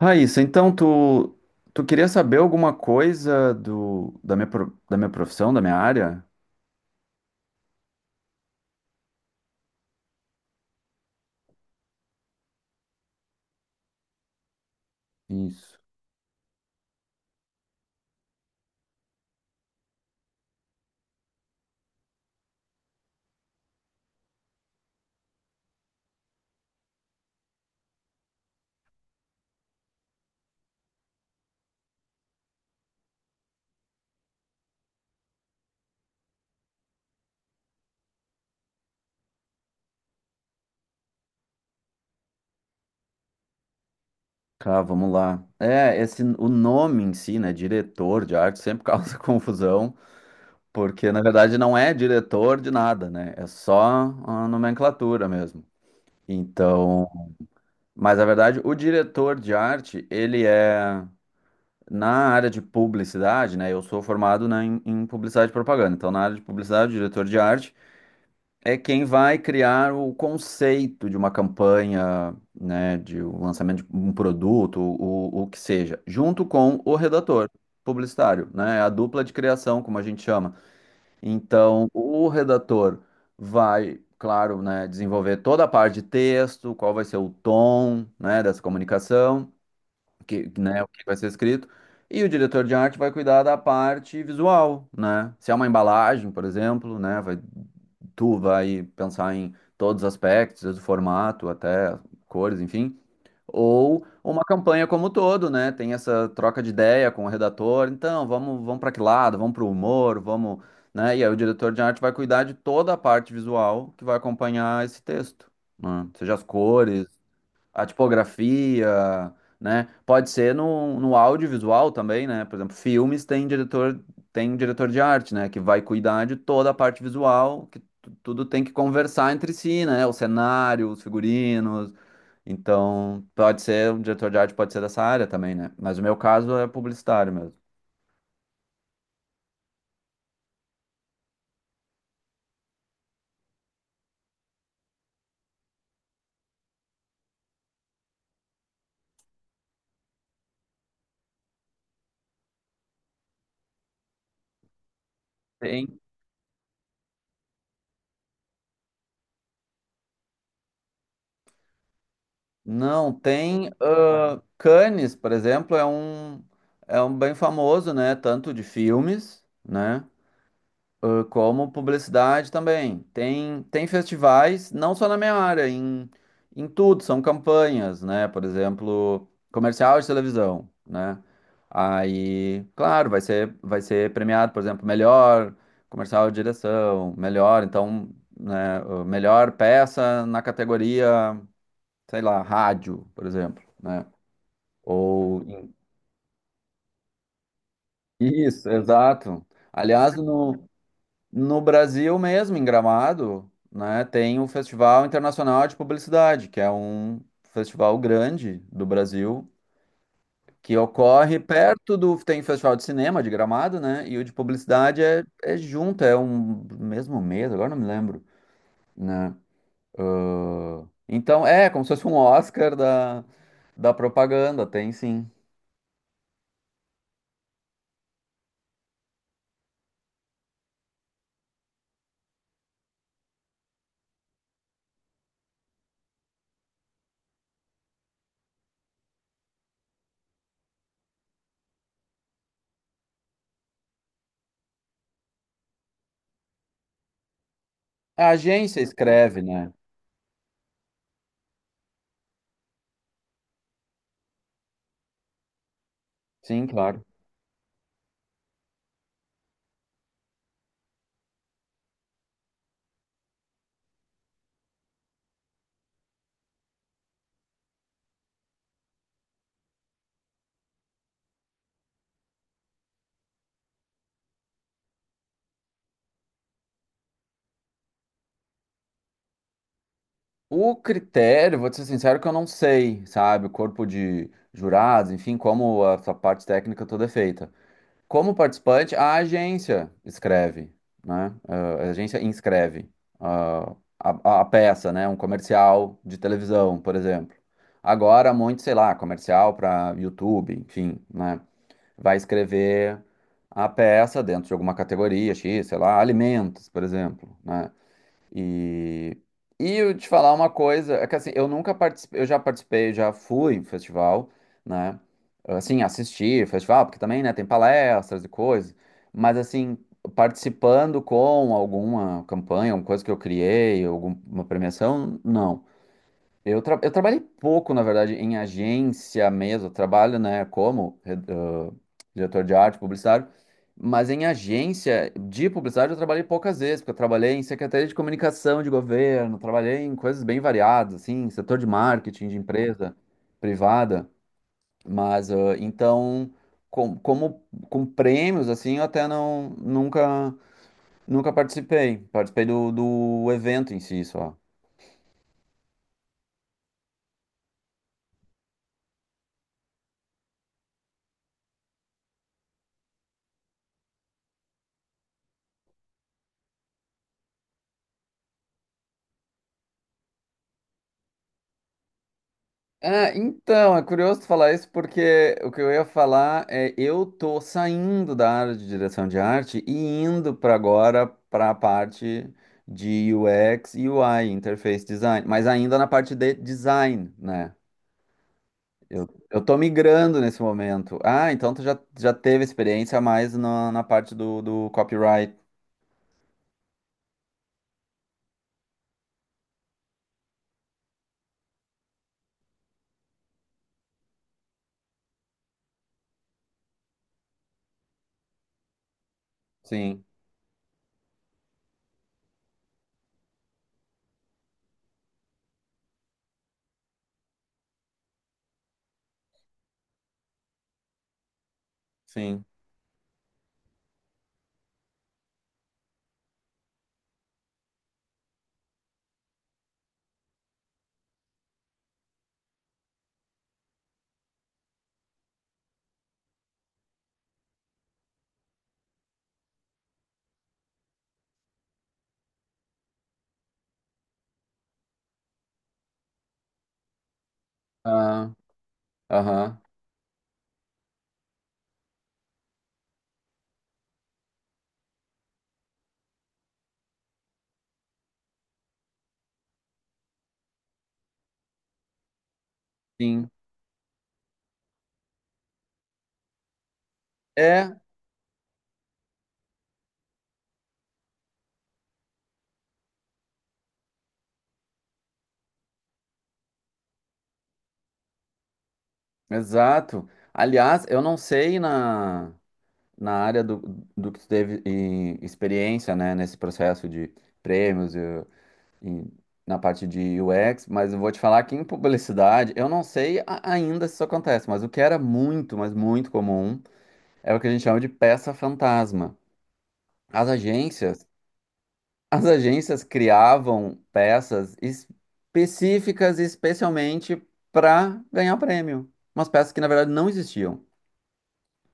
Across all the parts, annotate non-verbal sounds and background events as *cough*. Raíssa, então tu queria saber alguma coisa do, da minha, pro- da minha profissão, da minha área? Isso. Tá, vamos lá. O nome em si, né, diretor de arte, sempre causa *laughs* confusão, porque na verdade não é diretor de nada, né? É só a nomenclatura mesmo. Então, mas na verdade, o diretor de arte, ele é na área de publicidade, né? Eu sou formado, né, em publicidade e propaganda. Então, na área de publicidade, o diretor de arte é quem vai criar o conceito de uma campanha, né, de um lançamento de um produto, o que seja, junto com o redator publicitário, né, a dupla de criação, como a gente chama. Então, o redator vai, claro, né, desenvolver toda a parte de texto, qual vai ser o tom, né, dessa comunicação que, né, o que vai ser escrito, e o diretor de arte vai cuidar da parte visual, né? Se é uma embalagem, por exemplo, né, vai, tu vai pensar em todos os aspectos, desde o formato até cores, enfim. Ou uma campanha como um todo, né? Tem essa troca de ideia com o redator. Então, vamos para que lado? Vamos para o humor, vamos, né? E aí o diretor de arte vai cuidar de toda a parte visual que vai acompanhar esse texto, né? Seja as cores, a tipografia, né? Pode ser no audiovisual também, né? Por exemplo, filmes tem diretor de arte, né? Que vai cuidar de toda a parte visual, que tudo tem que conversar entre si, né? O cenário, os figurinos. Então, pode ser, um diretor de arte pode ser dessa área também, né? Mas o meu caso é publicitário mesmo. Tem? Não, tem. Ah, Cannes, por exemplo, é um bem famoso, né? Tanto de filmes, né? Ah, como publicidade também. Tem, tem festivais, não só na minha área, em, em tudo, são campanhas, né? Por exemplo, comercial de televisão, né? Aí, claro, vai ser premiado, por exemplo, melhor comercial de direção, melhor, então, né, melhor peça na categoria, sei lá, rádio, por exemplo, né? Ou isso, exato. Aliás, no Brasil mesmo, em Gramado, né, tem o Festival Internacional de Publicidade, que é um festival grande do Brasil, que ocorre perto do... Tem o Festival de Cinema de Gramado, né? E o de Publicidade é, é junto, é um mesmo mês, agora não me lembro, né? Ah, então, é como se fosse um Oscar da, da propaganda, tem sim. A agência escreve, né? Sim, claro. O critério, vou te ser sincero que eu não sei, sabe? O corpo de jurados, enfim, como a sua parte técnica toda é feita. Como participante, a agência escreve, né? A agência inscreve a peça, né? Um comercial de televisão, por exemplo. Agora, muito, sei lá, comercial para YouTube, enfim, né? Vai escrever a peça dentro de alguma categoria X, sei lá, alimentos, por exemplo, né? E, e eu te falar uma coisa, é que assim, eu nunca participei, eu já participei, já fui em festival, né? Assim, assistir festival, porque também, né, tem palestras e coisas, mas assim, participando com alguma campanha, alguma coisa que eu criei, alguma premiação, não. Eu trabalhei pouco, na verdade, em agência mesmo. Eu trabalho, né, como diretor de arte, publicitário, mas em agência de publicidade eu trabalhei poucas vezes, porque eu trabalhei em secretaria de comunicação de governo, trabalhei em coisas bem variadas, assim, setor de marketing de empresa privada. Mas então, como com prêmios, assim, eu até não nunca participei. Participei do evento em si só. Ah, então, é curioso tu falar isso porque o que eu ia falar é eu tô saindo da área de direção de arte e indo para agora para a parte de UX e UI, interface design, mas ainda na parte de design, né? Eu tô migrando nesse momento. Ah, então já teve experiência mais na parte do copyright. Sim, sim. Ah, aham, sim. É, exato. Aliás, eu não sei na. na área do, do que tu teve e, experiência, né, nesse processo de prêmios e na parte de UX, mas eu vou te falar que em publicidade, eu não sei ainda se isso acontece, mas o que era muito, mas muito comum, é o que a gente chama de peça fantasma. As agências, as agências criavam peças específicas, especialmente para ganhar prêmio. Umas peças que, na verdade, não existiam.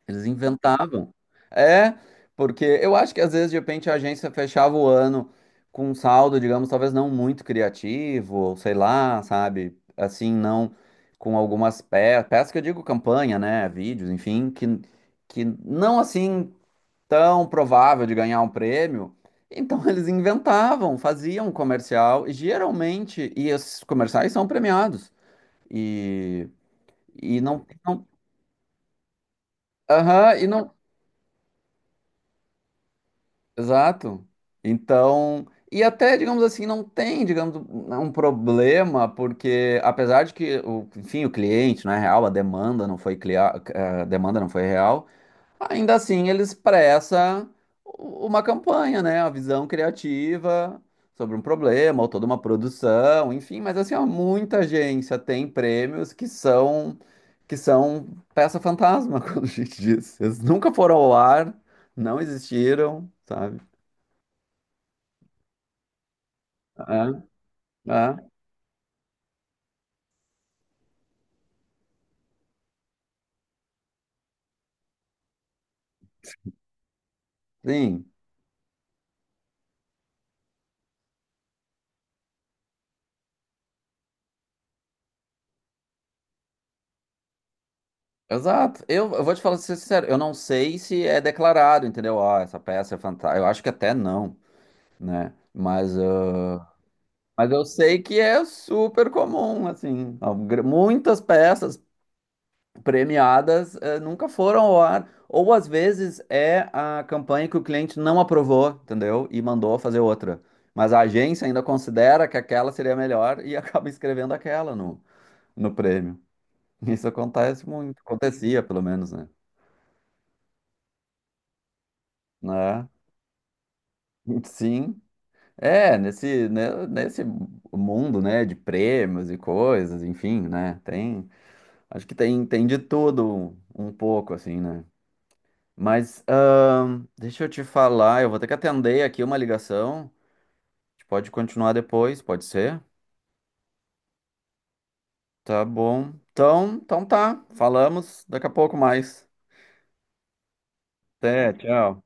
Eles inventavam. É, porque eu acho que às vezes, de repente, a agência fechava o ano com um saldo, digamos, talvez não muito criativo, ou sei lá, sabe? Assim, não com algumas peças, peças que eu digo campanha, né? Vídeos, enfim, que não assim tão provável de ganhar um prêmio. Então *laughs* eles inventavam, faziam um comercial, e geralmente, e esses comerciais são premiados. E, e não, não, aham, e não exato. Então, e até, digamos assim, não tem, digamos, um problema, porque apesar de que, o, enfim, o cliente não é real, a demanda não foi a demanda não foi real, ainda assim ele expressa uma campanha, né? A visão criativa sobre um problema, ou toda uma produção, enfim, mas assim, ó, muita agência tem prêmios que são peça fantasma, *laughs* quando a gente diz. Eles nunca foram ao ar, não existiram, sabe? É, é, sim, exato. Eu vou te falar ser sincero, eu não sei se é declarado, entendeu? Ah, essa peça é fantástica. Eu acho que até não, né? Mas, mas eu sei que é super comum, assim. Muitas peças premiadas, nunca foram ao ar. Ou às vezes é a campanha que o cliente não aprovou, entendeu? E mandou fazer outra. Mas a agência ainda considera que aquela seria melhor e *laughs* acaba escrevendo aquela no prêmio. *laughs* Isso acontece muito, acontecia pelo menos, né? Né? *laughs* Sim. É, nesse, né, nesse mundo, né, de prêmios e coisas, enfim, né? Tem, acho que tem, tem de tudo um pouco, assim, né? Mas, deixa eu te falar, eu vou ter que atender aqui uma ligação. A gente pode continuar depois, pode ser? Tá bom. Então, então tá. Falamos daqui a pouco mais. Até, tchau.